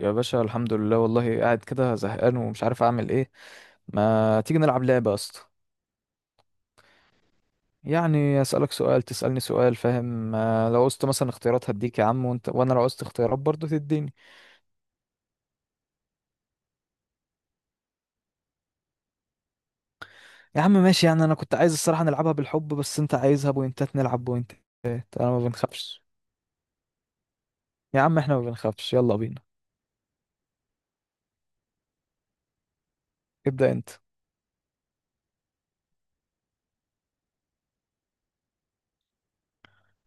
يا باشا، الحمد لله. والله قاعد كده زهقان ومش عارف اعمل ايه. ما تيجي نلعب لعبة يا اسطى؟ يعني اسالك سؤال تسالني سؤال، فاهم؟ لو قست مثلا اختيارات هديك يا عم، وانت وانا لو قست اختيارات برضه تديني. يا عم ماشي، يعني انا كنت عايز الصراحة نلعبها بالحب، بس انت عايزها بوينتات نلعب بوينتات. انا ما بنخافش. يا عم احنا ما بنخافش، يلا بينا. ابدأ انت.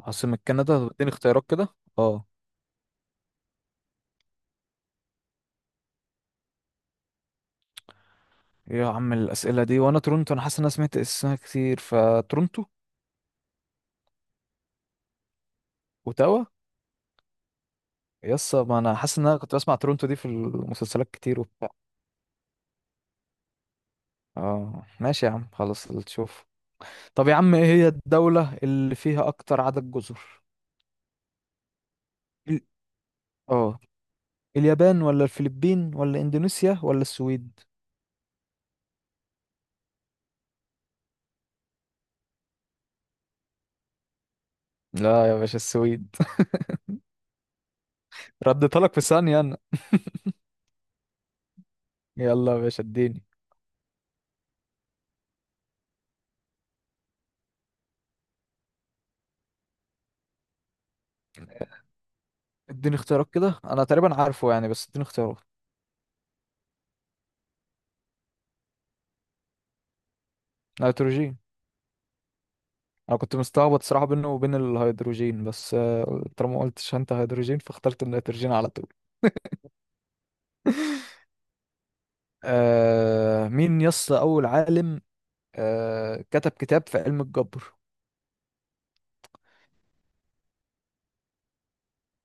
عاصمة كندا اديني اختيارات كده. اه. يا عم الاسئلة دي، وانا تورنتو، انا حاسس ان انا سمعت اسمها كتير فتورنتو. اوتاوا؟ يس، ما انا حاسس ان انا كنت بسمع تورونتو دي في المسلسلات كتير وبتاع. اه، ماشي يا عم، خلاص اللي تشوف. طب يا عم، ايه هي الدولة اللي فيها اكتر عدد جزر؟ ال- اه، اليابان ولا الفلبين ولا اندونيسيا ولا السويد؟ لا يا باشا، السويد. رديتها لك في ثانية انا. يلا يا باشا اديني. اديني اختيارات كده، انا تقريبا عارفه يعني، بس اديني اختيارات. نيتروجين. انا كنت مستعبط صراحة بينه وبين الهيدروجين، بس طالما ما قلتش انت هيدروجين فاخترت النيتروجين على طول. مين يس أول عالم كتب كتاب في علم الجبر؟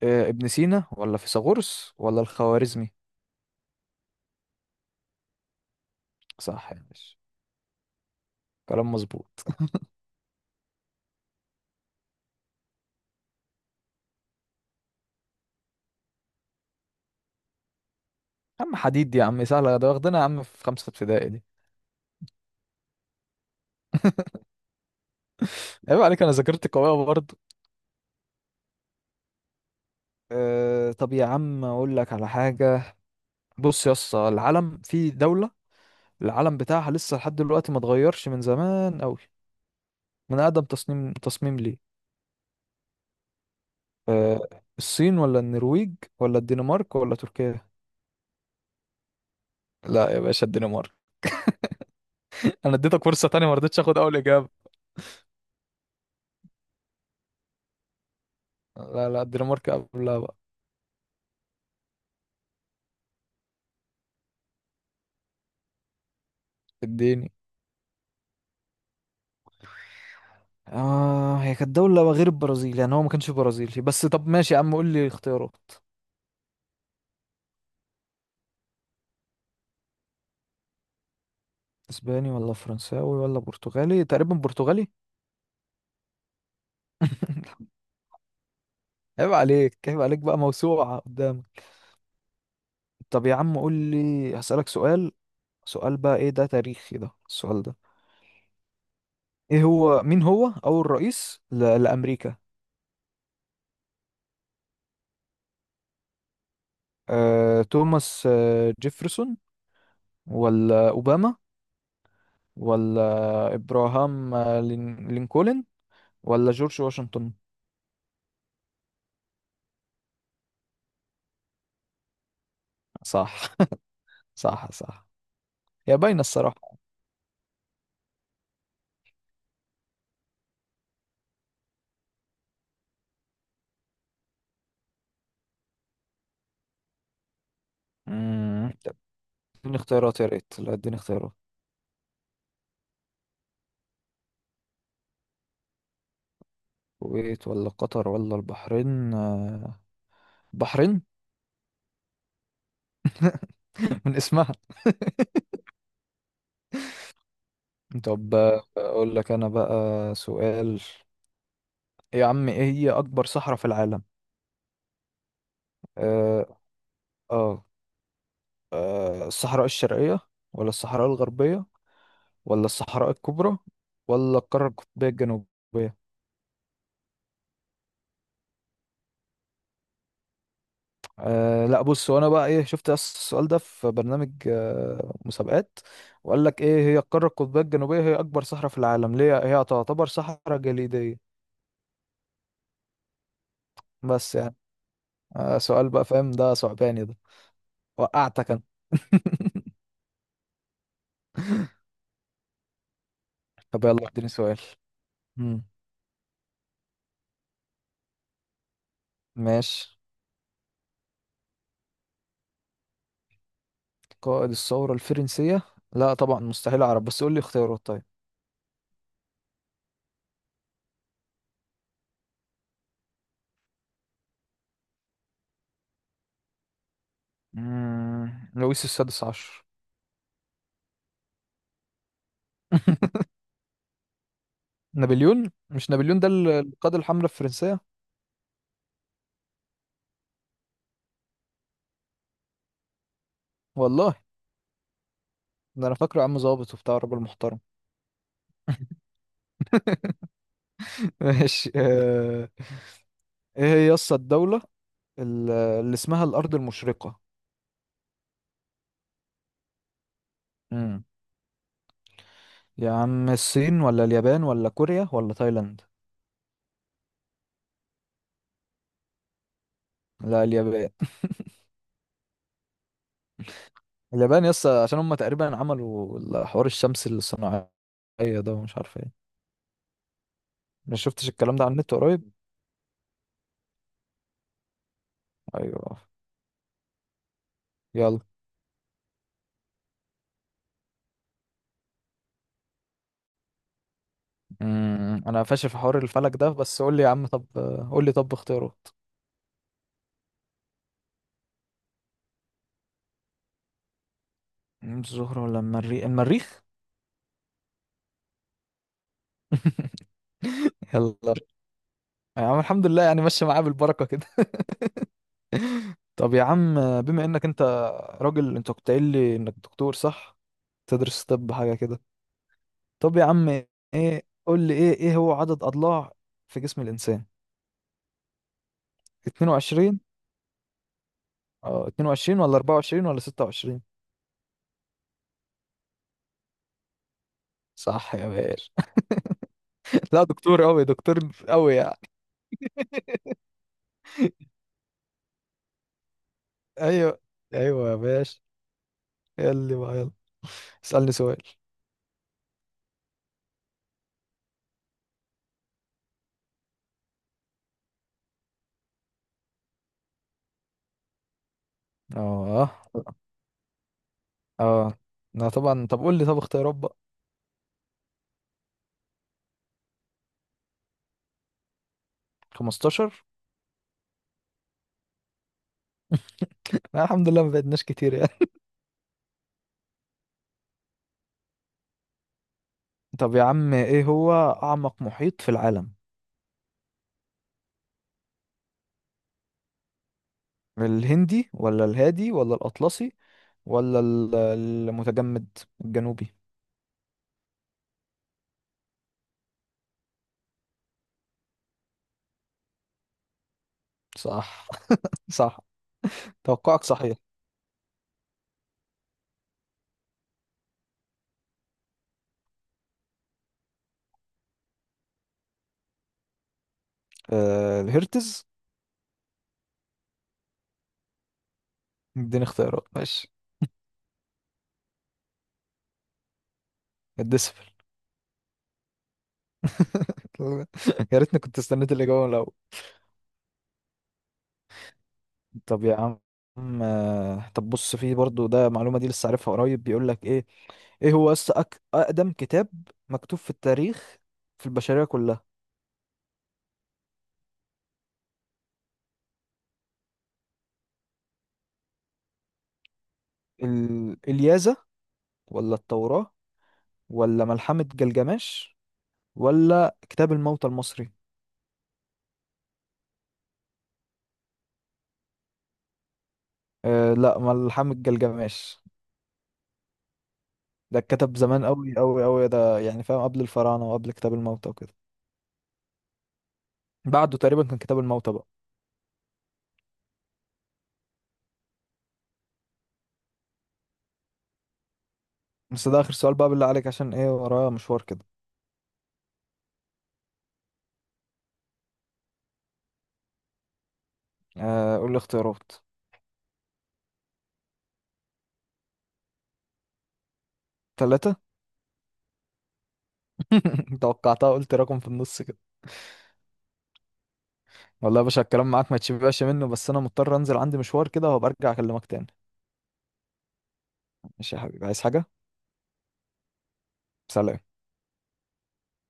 ابن سينا ولا فيثاغورس ولا الخوارزمي؟ صح يا باشا، كلام مظبوط. يا عم حديد، دي يا عم سهلة، ده واخدنا يا عم في خمسة ابتدائي دي. عيب عليك، أنا ذاكرتي قوية برضه. طب يا عم أقول لك على حاجة. بص يا اسطى، العلم في دولة، العلم بتاعها لسه لحد دلوقتي ما اتغيرش، من زمان أوي، من أقدم تصميم ليه. آه الصين ولا النرويج ولا الدنمارك ولا تركيا؟ لا يا باشا، الدنمارك. انا اديتك فرصة تانية، ما رضيتش اخد اول اجابة. لا، لا، الدنمارك قبلها بقى. اديني. اه، هي كانت دولة غير البرازيل يعني، هو ما كانش برازيلي، بس طب ماشي يا عم قول لي اختيارات. اسباني ولا فرنساوي ولا برتغالي؟ تقريبا برتغالي. عيب عليك، عيب عليك بقى، موسوعة قدامك. طب يا عم قول لي هسألك سؤال. سؤال بقى، ايه ده تاريخي ده السؤال ده؟ ايه هو، مين هو اول رئيس لأمريكا؟ توماس جيفرسون، ولا أوباما، ولا ابراهام لينكولن، ولا جورج واشنطن؟ صح. صح، صح. هي باينة الصراحة. طب اديني اختيارات يا ريت، لا اديني اختيارات. الكويت ولا قطر ولا البحرين؟ البحرين. من اسمها. طب، اقول لك انا بقى سؤال. يا عم، ايه هي اكبر صحراء في العالم؟ اه اه الصحراء الشرقية، ولا الصحراء الغربية، ولا الصحراء الكبرى، ولا القارة القطبية الجنوبية؟ لا، بص وانا بقى ايه، شفت السؤال ده في برنامج مسابقات، وقال لك ايه، هي القارة القطبية الجنوبية هي اكبر صحراء في العالم، ليه هي تعتبر صحراء جليدية. بس يعني، سؤال بقى فاهم، ده صعباني ده. وقعتك انا. طب يلا اديني سؤال. مم. ماشي. قائد الثورة الفرنسية؟ لا طبعا، مستحيل اعرف، بس قول لي اختيارات طيب. لويس السادس عشر. نابليون، مش نابليون ده القائد الحملة الفرنسية. والله. ده انا فاكره عم ظابط وبتاع، راجل محترم. ماشي. ايه هي يسطا الدولة اللي اسمها الأرض المشرقة؟ امم يا عم الصين ولا اليابان ولا كوريا ولا تايلاند؟ لا، اليابان. اليابان يسطا، عشان هم تقريبا عملوا حوار الشمس الصناعية ده، ومش عارف ايه. ما شفتش الكلام ده على النت قريب. ايوه. يلا. انا فاشل في حوار الفلك ده، بس قول لي يا عم طب، قول لي طب اختيارات. الزهرة ولا المريخ؟ المريخ. يلا يا عم، الحمد لله يعني، ماشية معاه بالبركة كده. طب يا عم، بما انك انت راجل، انت كنت قايل لي انك دكتور صح؟ تدرس طب حاجة كده؟ طب يا عم، ايه قول لي، ايه هو عدد اضلاع في جسم الانسان؟ 22. اه، 22 ولا 24 ولا 26؟ صح يا باشا. لا دكتور قوي، دكتور قوي يعني. ايوه، ايوه يا باشا. يلا بقى، يلا اسألني سؤال. اه، اه. لا طبعا، طب قول لي طب اختيارات بقى. 15. لا الحمد لله، ما بعدناش كتير يعني. طب يا عم، ايه هو اعمق محيط في العالم؟ الهندي ولا الهادي ولا الاطلسي ولا المتجمد الجنوبي؟ صح. صح، توقعك صحيح. الهرتز. اديني اختيارات ماشي. الديسبل. يا ريتني كنت استنيت الاجابه من الاول. طب يا عم، طب بص، في برضو ده معلومه دي لسه عارفها قريب، بيقول لك ايه؟ ايه هو، اقدم كتاب مكتوب في التاريخ، في البشريه كلها؟ اليازا، ولا التوراه، ولا ملحمة جلجمش، ولا كتاب الموتى المصري؟ لا، ملحمة جلجمش. ده اتكتب زمان قوي قوي قوي، ده يعني فاهم، قبل الفراعنة وقبل كتاب الموتى وكده. بعده تقريبا كان كتاب الموتى بقى. بس ده آخر سؤال بقى بالله عليك، عشان ايه ورايا مشوار كده. قول لي اختيارات. ثلاثة. توقعتها، قلت رقم في النص كده. والله يا باشا الكلام معاك ما تشبعش منه، بس انا مضطر انزل عندي مشوار كده، وهبقى ارجع اكلمك تاني. ماشي يا حبيبي، عايز حاجة؟ سلام.